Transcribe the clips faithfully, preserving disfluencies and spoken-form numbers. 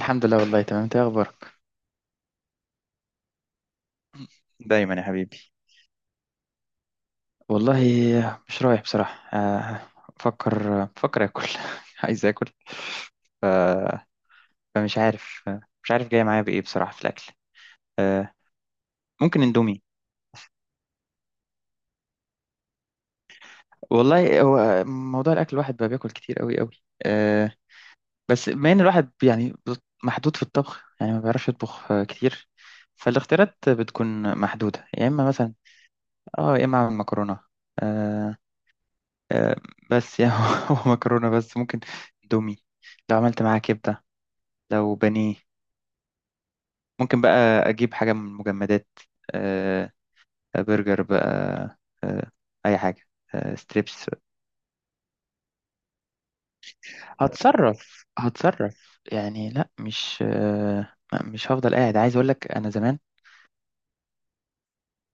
الحمد لله، والله تمام. انت ايه اخبارك؟ دايما يا حبيبي. والله مش رايح بصراحة. آه، بفكر بفكر اكل عايز اكل. ف- فمش عارف. مش عارف جاي معايا بايه بصراحة في الاكل. آه، ممكن اندومي. والله هو موضوع الاكل الواحد بقى بياكل كتير قوي قوي. آه، بس بما ان الواحد يعني محدود في الطبخ، يعني ما بيعرفش يطبخ آه، كتير. فالاختيارات بتكون محدودة، يا اما مثلا اه، يا اما اعمل مكرونة. آه، بس يعني هو مكرونة بس ممكن دومي لو عملت معاها كبدة، لو بانيه. ممكن بقى أجيب حاجة من المجمدات، آه، برجر بقى، آه، أي حاجة، آه، ستريبس. هتصرف، هتصرف يعني. لا، مش آه لا، مش هفضل قاعد. عايز أقول لك أنا زمان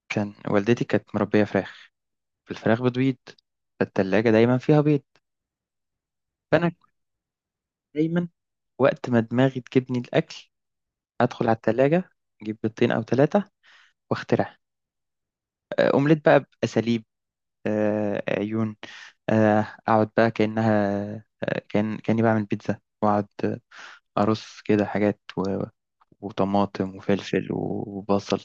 كان والدتي كانت مربية فراخ، الفراخ بتبيض، فالتلاجة دايما فيها بيض. فأنا كنت دايما وقت ما دماغي تجيبني الأكل أدخل على التلاجة أجيب بيضتين أو ثلاثة واخترع أومليت بقى بأساليب، آه، عيون، آه، أقعد بقى كأنها، آه، كأن كأني بعمل بيتزا، وأقعد، آه، أرص كده حاجات و- وطماطم وفلفل وبصل.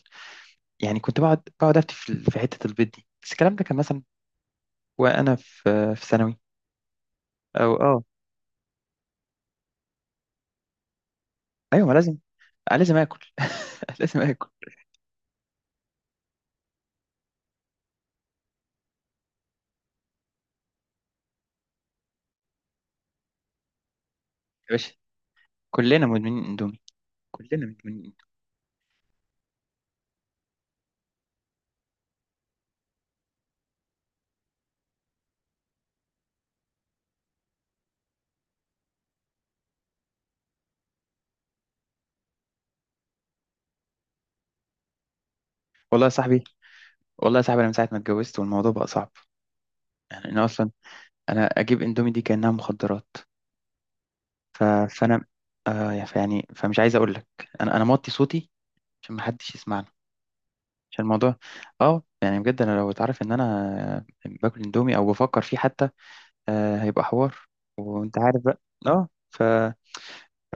يعني كنت بقعد بقعد أفتي في في حتة البيض دي، بس الكلام ده كان مثلا وأنا في في ثانوي. أو أه، أيوة ما لازم، لازم آكل لازم آكل. يا باشا، كلنا مدمنين اندومي. كلنا مدمنين إندومي. والله يا صاحبي، والله يا صاحبي انا من ساعه ما اتجوزت والموضوع بقى صعب. يعني انا اصلا، انا اجيب اندومي دي كانها مخدرات. ف... فانا، آه يعني فمش عايز اقول لك، انا انا موطي صوتي عشان ما حدش يسمعنا، عشان الموضوع اه، يعني بجد انا لو اتعرف ان انا باكل اندومي او بفكر فيه حتى آه هيبقى حوار. وانت عارف بقى. اه ف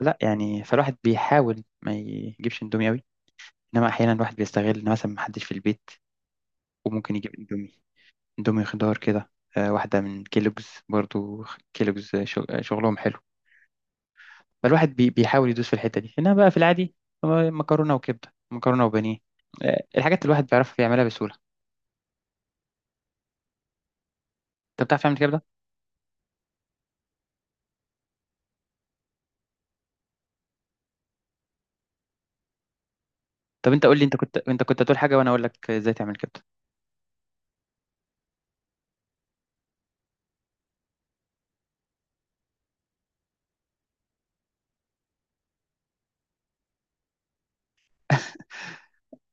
لا يعني، فالواحد بيحاول ما يجيبش اندومي قوي، انما احيانا الواحد بيستغل ان مثلا ما حدش في البيت وممكن يجيب اندومي، اندومي خضار كده، آه، واحده من كيلوجز برضو. كيلوجز شغ- شغلهم حلو. فالواحد بي بيحاول يدوس في الحتة دي، إنما بقى في العادي هو مكرونة وكبدة، مكرونة وبانيه. آه، الحاجات اللي الواحد بيعرف يعملها بسهولة. أنت بتعرف تعمل كبدة؟ طب أنت قول لي، أنت كنت، أنت كنت هتقول حاجة وأنا أقول لك إزاي تعمل كبدة.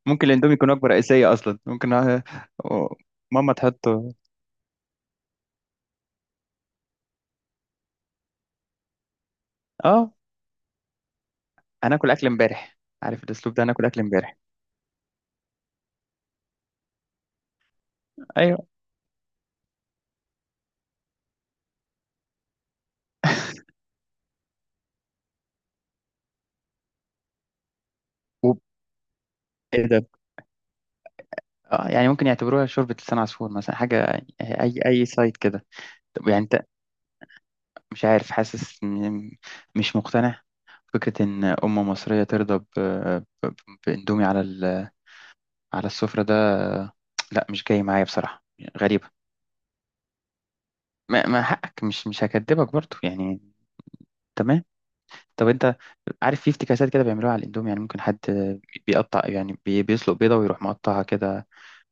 ممكن الاندومي يكون وجبة رئيسية أصلا، ممكن. آه، آه، ماما تحطه. آه، هناكل أكل امبارح. عارف الأسلوب ده، هناكل أكل امبارح. أيوه. و- إيه ده. آه، يعني ممكن يعتبروها شوربة لسان عصفور مثلا، حاجة، آه، أي أي سايد كده. طب يعني أنت، مش عارف، حاسس إن- مش مقتنع فكرة إن أم مصرية ترضى ب- ب- بإندومي على ال- على السفرة ده. لا، مش جاي معايا بصراحة، يعني غريبة. ما, ما حقك، مش مش هكدبك برضو يعني. تمام. طب أنت عارف في افتكاسات كده بيعملوها على الإندومي؟ يعني ممكن حد بيقطع، يعني بي- بيسلق بيضة ويروح مقطعها كده،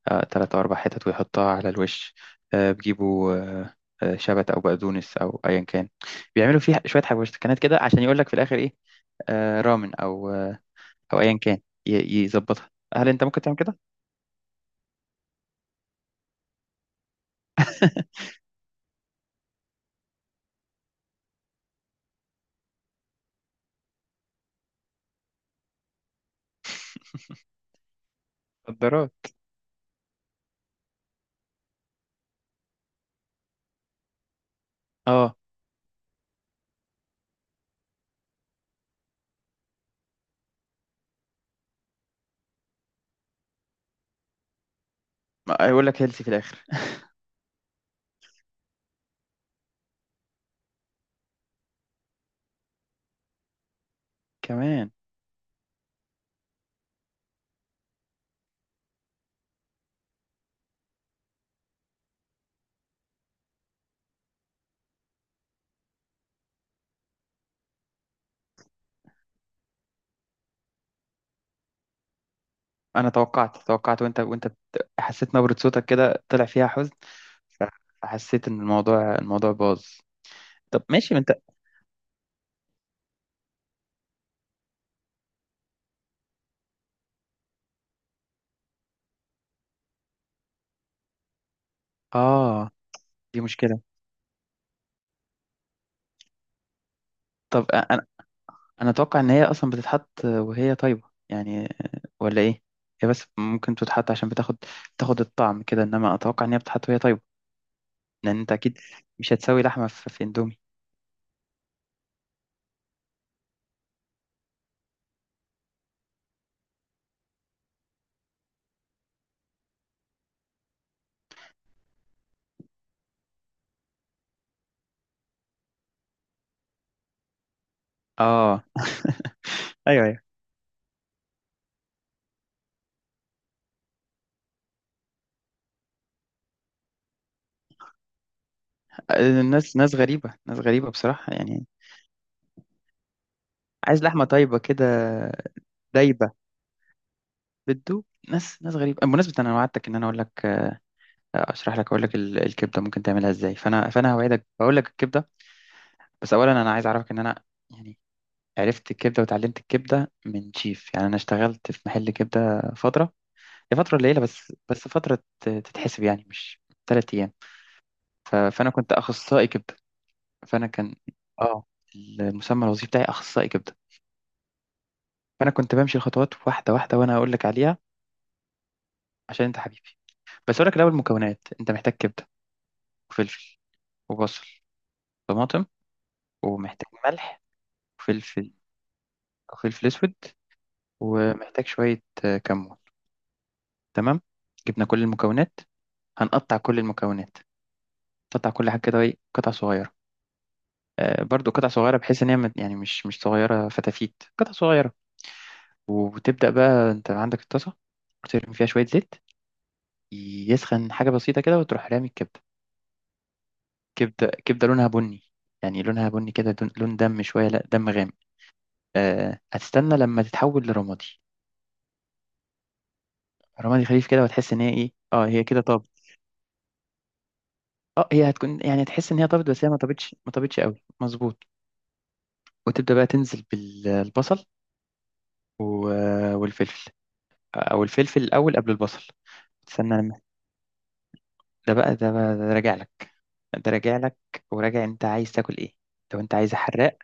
آه، تلات أو أربع حتت، ويحطها على الوش. آه، بيجيبوا، آه، آه، شبت أو بقدونس أو أيا كان. بيعملوا فيها شوية حبشتكنات كده عشان يقول لك في الآخر إيه، آه، رامن أو آه، او ايا كان. ي- يظبطها. هل انت ممكن تعمل كده؟ مخدرات. اه، ما هيقول لك هيلثي في الاخر كمان. انا توقعت، توقعت وانت، وانت بت- حسيت نبرة صوتك كده طلع فيها حزن. ف- فحسيت ان الموضوع، الموضوع باظ. طب ماشي ما انت. اه دي مشكلة. طب أ- انا، انا اتوقع ان هي اصلا بتتحط وهي طيبة. يعني، ولا ايه؟ هي بس ممكن تتحط عشان بتاخد، بتاخد الطعم كده، انما اتوقع ان هي بتتحط وهي طيبة. لان انت اكيد مش هتسوي لحمة في في اندومي. اه، ايوه. الناس ناس غريبة، ناس غريبة بصراحة يعني. عايز لحمة طيبة كده. دايبة، بتدوب. ناس ناس غريبة. بمناسبة أنا وعدتك إن أنا أقول لك، آه، أشرح لك، أقول لك ال- الكبدة ممكن تعملها إزاي. فأنا فأنا هوعدك بقول لك الكبدة. بس أولا أنا عايز أعرفك إن أنا يعني عرفت الكبدة وتعلمت الكبدة من شيف. يعني أنا اشتغلت في محل كبدة فترة، هي فترة قليلة بس، بس فترة ت- تتحسب يعني، مش تلات أيام. ف- فأنا كنت أخصائي كبدة. فأنا كان، آه، المسمى الوظيفي بتاعي أخصائي كبدة. فانا كنت بمشي الخطوات واحده واحده وانا هقول لك عليها عشان انت حبيبي. بس اقول لك الاول المكونات، انت محتاج كبده وفلفل وبصل، طماطم، ومحتاج ملح وفلفل، وفلفل اسود، ومحتاج شويه آه، كمون. تمام؟ جبنا كل المكونات، هنقطع كل المكونات. تقطع كل حاجه كده، ايه، قطع صغيره، آه، برضو قطع صغيره، بحيث ان هي مت- يعني مش مش صغيره فتافيت، قطع صغيره. وتبدا بقى، انت عندك الطاسه وترمي فيها شويه زيت، يسخن حاجه بسيطه كده، وتروح رامي الكبده. كبدة، كبدة لونها بني، يعني لونها بني كده، دون- لون دم شوية، لا، دم غامق. آه، هتستنى لما تتحول لرمادي، رمادي خفيف كده، وتحس ان هي ايه، اه هي كده طابت. اه، هي هتكون يعني، تحس ان هي طابت بس هي ما طابتش، ما طابتش قوي، مظبوط. وتبدأ بقى تنزل بالبصل و- والفلفل، او الفلفل الاول قبل البصل. تستنى لما، ده بقى، ده بقى ده راجع لك، ده راجع لك وراجع انت عايز تاكل ايه. لو انت عايز حراق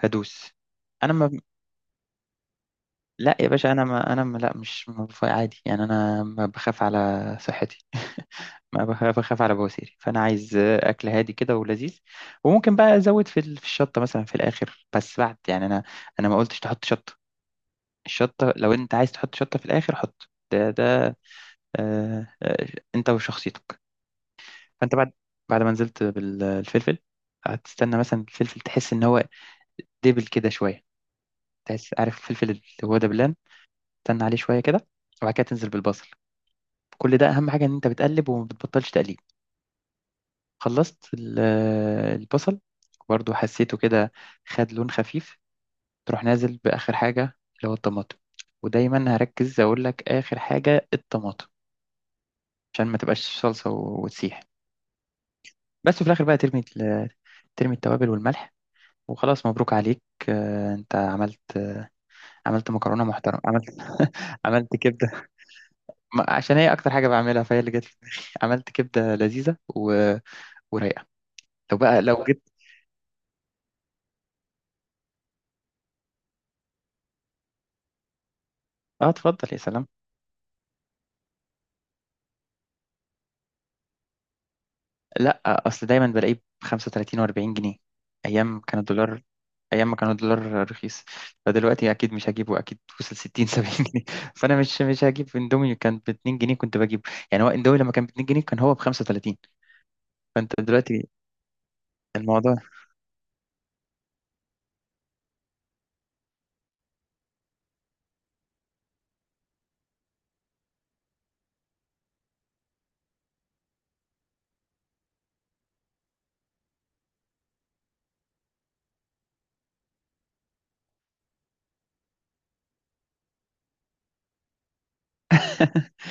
هدوس. انا لا يا باشا، انا ما انا ما لا مش ما بف- عادي يعني، انا ما بخاف على صحتي ما بخ- بخاف على بواسيري. فانا عايز اكل هادي كده ولذيذ، وممكن بقى ازود في ال- في الشطه مثلا في الاخر، بس بعد، يعني انا، انا ما قلتش تحط شطه. الشطه لو انت عايز تحط شطه في الاخر حط، ده ده، آه آه، انت وشخصيتك. فانت بعد، بعد ما نزلت بالفلفل، هتستنى مثلا الفلفل، تحس ان هو دبل كده شويه، تحس، عارف الفلفل اللي هو دبلان، تستنى عليه شويه كده، وبعد كده تنزل بالبصل. كل ده، اهم حاجه ان انت بتقلب وما بتبطلش تقليب. خلصت ال- البصل، برضو حسيته كده، خد لون خفيف، تروح نازل باخر حاجه اللي هو الطماطم. ودايما هركز اقول لك اخر حاجه الطماطم، عشان ما تبقاش صلصه و- وتسيح. بس في الاخر بقى ترمي ال- ترمي التوابل والملح، وخلاص مبروك عليك، آه، انت عملت، آه، عملت مكرونه محترمه، عملت عملت كبده. ما- عشان هي اكتر حاجه بعملها، فهي اللي جت في دماغي. عملت كبده لذيذه و... ورايقه. لو بقى لو جيت. اه اتفضل، يا سلام. لا، اصل دايما بلاقيه ب خمسة وثلاثين واربعين جنيه ايام كان الدولار، ايام ما كان الدولار رخيص. فدلوقتي اكيد مش هجيبه، اكيد وصل ستين سبعين جنيه فانا مش مش هجيب اندومي كان ب اتنين جنيه كنت بجيبه. يعني هو اندومي لما كان ب اتنين جنيه كان هو ب خمسة وثلاثين. فانت دلوقتي الموضوع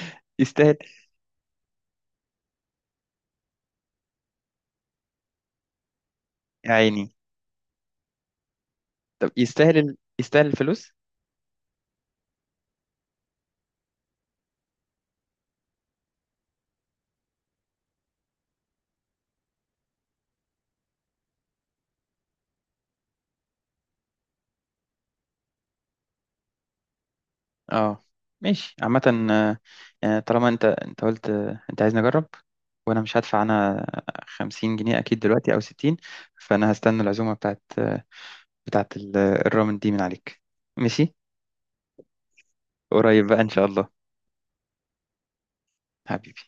يستاهل. يا عيني. طب يستاهل ال- يستاهل الفلوس. اه ماشي، عامة، آه، يعني طالما انت، انت قلت، آه، انت عايزني اجرب، وانا مش هدفع انا خمسين جنيه اكيد دلوقتي او ستين، فانا هستنى العزومة بتاعت، آه، بتاعت ال- الرامن دي من عليك. ماشي، قريب بقى ان شاء الله. حبيبي.